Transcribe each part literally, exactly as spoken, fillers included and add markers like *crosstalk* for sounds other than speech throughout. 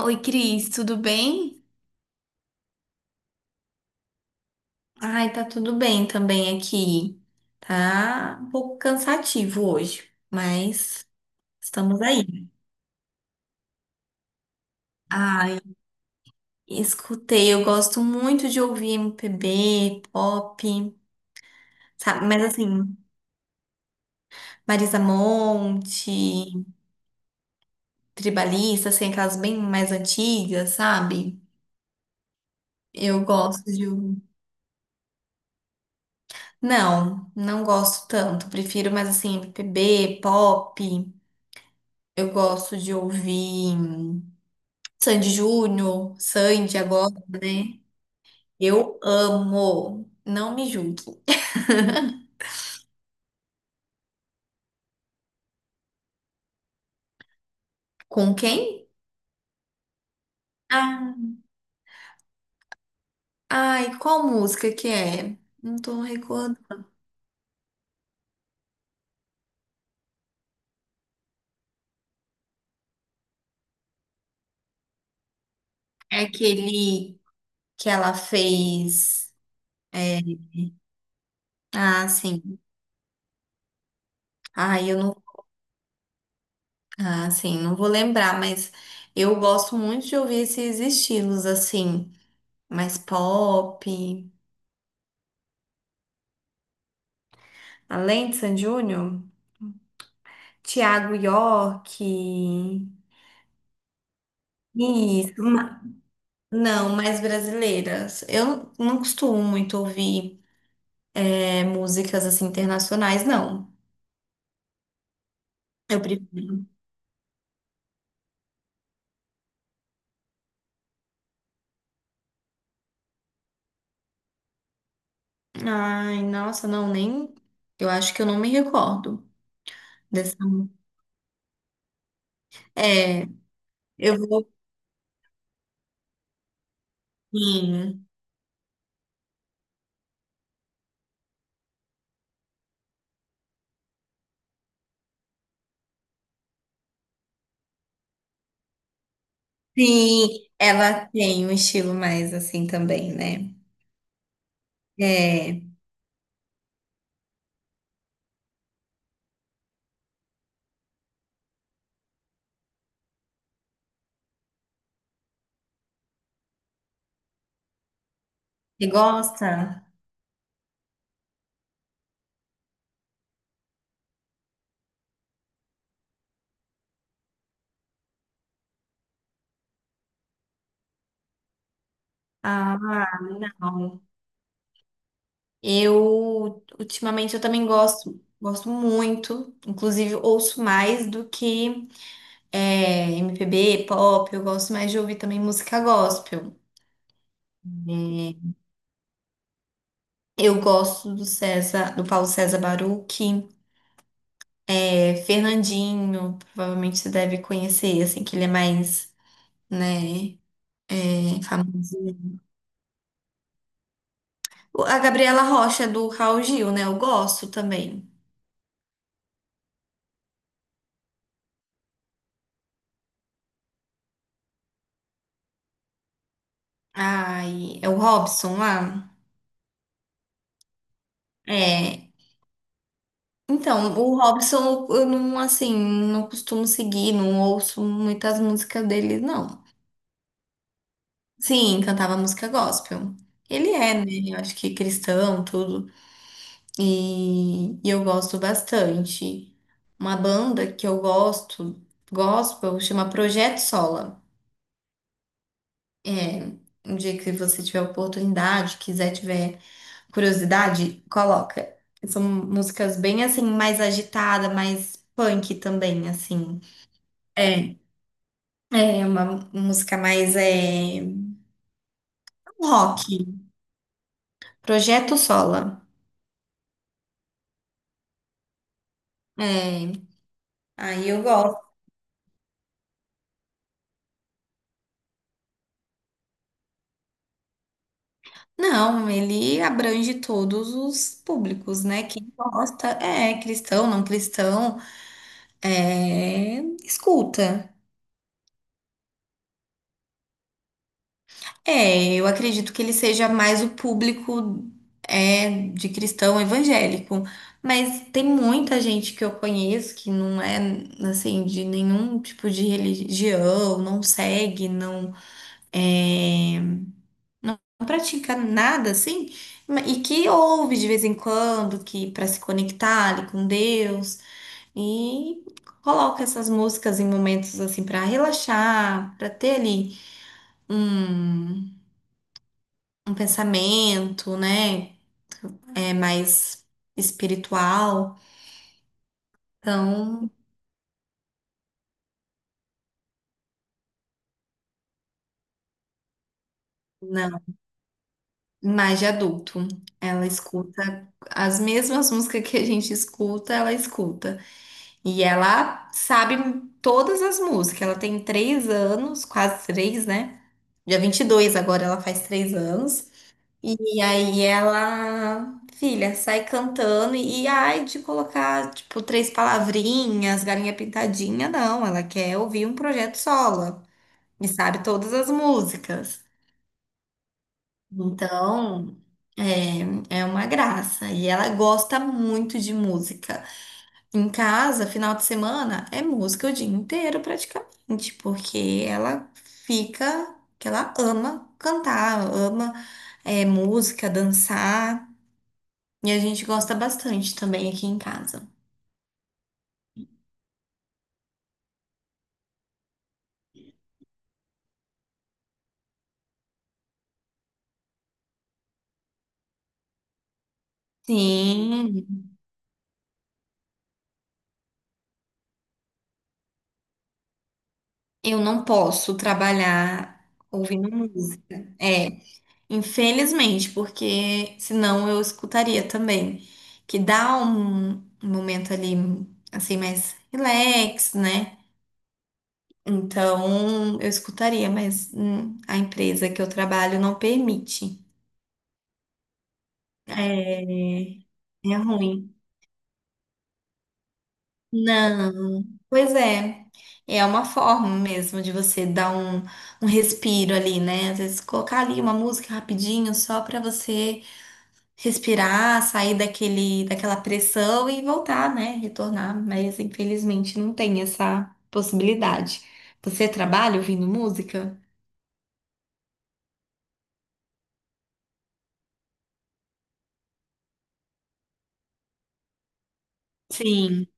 Oi, Cris, tudo bem? Ai, tá tudo bem também aqui. Tá um pouco cansativo hoje, mas estamos aí. Ai, escutei, eu gosto muito de ouvir M P B, pop, sabe? Mas assim, Marisa Monte, Tribalista, assim, aquelas bem mais antigas, sabe? Eu gosto de. ouvir. Não, não gosto tanto. Prefiro mais assim, M P B, pop. Eu gosto de ouvir. Sandy Júnior, Sandy agora, né? Eu amo. Não me julgue. *laughs* Com quem? Ah, ai, qual música que é? Não tô recordando. É aquele que ela fez. é, Ah, sim. Ai, eu não. Ah, sim, não vou lembrar, mas eu gosto muito de ouvir esses estilos assim, mais pop. Além de Sandy Júnior, Thiago York. Isso. Não, mais brasileiras. Eu não costumo muito ouvir é, músicas assim internacionais, não. Eu prefiro. Ai, nossa, não, nem. Eu acho que eu não me recordo dessa. É, eu vou. Sim, sim, ela tem um estilo mais assim também, né? É, você gosta? Ah, não. Eu, ultimamente, eu também gosto, gosto muito. Inclusive, ouço mais do que. É, M P B, pop, eu gosto mais de ouvir também música gospel. É, eu gosto do César, do Paulo César Baruch, é, Fernandinho, provavelmente você deve conhecer, assim, que ele é mais, né, é, famoso. O- A Gabriela Rocha do Raul Gil, né, eu gosto também. Ai, é o Robson lá? É. Então, o Robson, eu eu não, assim, não costumo seguir, não ouço muitas músicas dele, não. Sim, cantava música gospel. Ele é, né? Eu acho que cristão, tudo. E, e eu gosto bastante. Uma banda que eu gosto, gospel, chama Projeto Sola. É, um dia que você tiver oportunidade, quiser, tiver curiosidade, coloca. São músicas bem assim, mais agitada, mais punk também, assim. É, é uma música mais é, rock. Projeto Sola. É, aí eu gosto. Não, ele abrange todos os públicos, né? Quem gosta é cristão, não cristão, é, escuta. É, eu acredito que ele seja mais o público é de cristão evangélico, mas tem muita gente que eu conheço que não é assim de nenhum tipo de religião, não segue, não é, não pratica nada assim, e que ouve de vez em quando, que para se conectar ali com Deus. E coloca essas músicas em momentos assim para relaxar, para ter ali um, um pensamento, né? É mais espiritual. Então, não, mais de adulto. Ela escuta as mesmas músicas que a gente escuta, ela escuta. E ela sabe todas as músicas. Ela tem três anos, quase três, né? Dia vinte e dois agora ela faz três anos. E aí ela, filha, sai cantando e, e, ai de colocar, tipo, três palavrinhas, galinha pintadinha, não. Ela quer ouvir um projeto solo e sabe todas as músicas. Então, é, é uma graça. E ela gosta muito de música. Em casa, final de semana, é música o dia inteiro praticamente, porque ela fica, que ela ama cantar, ama, é, música, dançar. E a gente gosta bastante também aqui em casa. Sim, eu não posso trabalhar ouvindo música. É, infelizmente, porque senão eu escutaria também. Que dá um momento ali, assim, mais relax, né? Então, eu escutaria, mas hum, a empresa que eu trabalho não permite. É, é ruim. Não. Pois é, é uma forma mesmo de você dar um, um respiro ali, né? Às vezes colocar ali uma música rapidinho só para você respirar, sair daquele, daquela pressão e voltar, né? Retornar, mas infelizmente não tem essa possibilidade. Você trabalha ouvindo música? Sim,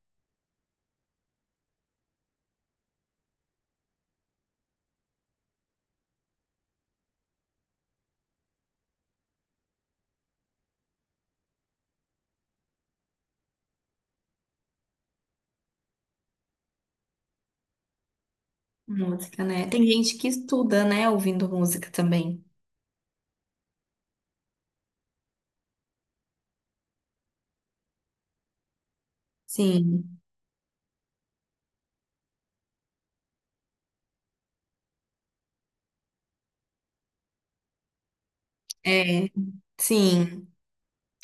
música, né? Tem gente que estuda, né, ouvindo música também. Sim, é, sim.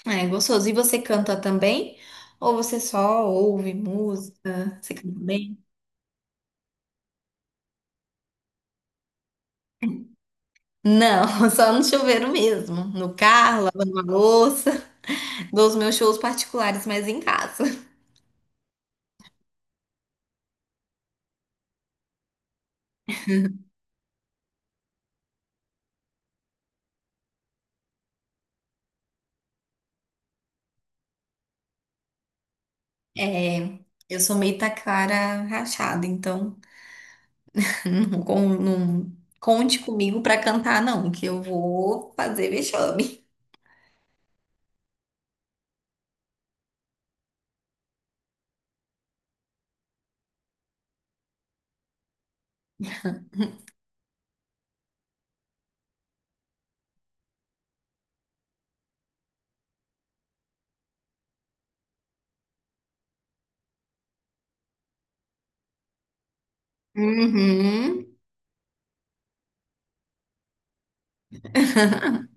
Ah, é gostoso. E você canta também? Ou você só ouve música? Você canta bem? Não, *laughs* só no chuveiro mesmo. No carro, lavando uma louça. Dou os meus shows particulares, mas em casa. É, eu sou meio taquara rachada, então *laughs* não, con- não conte comigo pra cantar, não, que eu vou fazer vexame. Uhum. *laughs*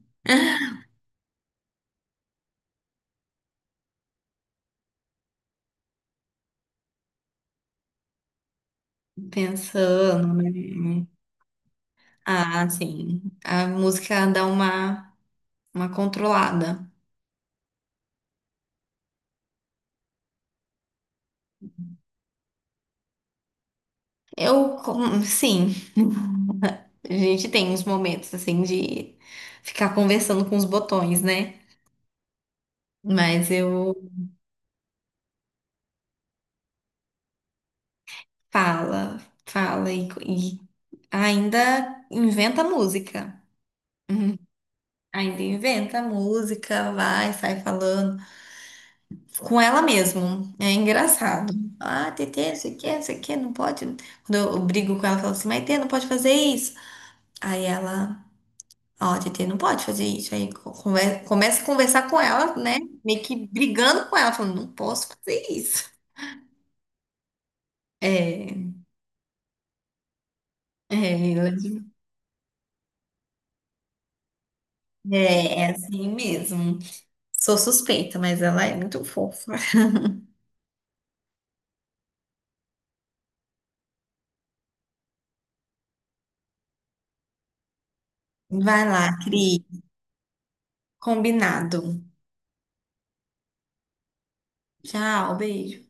Pensando, né? Ah, sim. A música dá uma, uma controlada. Eu, com- sim, a gente tem uns momentos assim de ficar conversando com os botões, né? Mas eu fala, fala e, e ainda inventa música. Uhum. Ainda inventa música, vai, sai falando com ela mesmo. É engraçado. Ah, Tetê, não sei o que, não sei o que, não pode. Quando eu brigo com ela, eu falo assim, mas Tetê, não pode fazer isso. Aí ela. Ó, a T T não pode fazer isso. Aí come- começa a conversar com ela, né? Meio que brigando com ela, falando, não posso fazer isso. É, é, ela é, é assim mesmo. Sou suspeita, mas ela é muito fofa. Vai lá, Cris. Combinado. Tchau, beijo.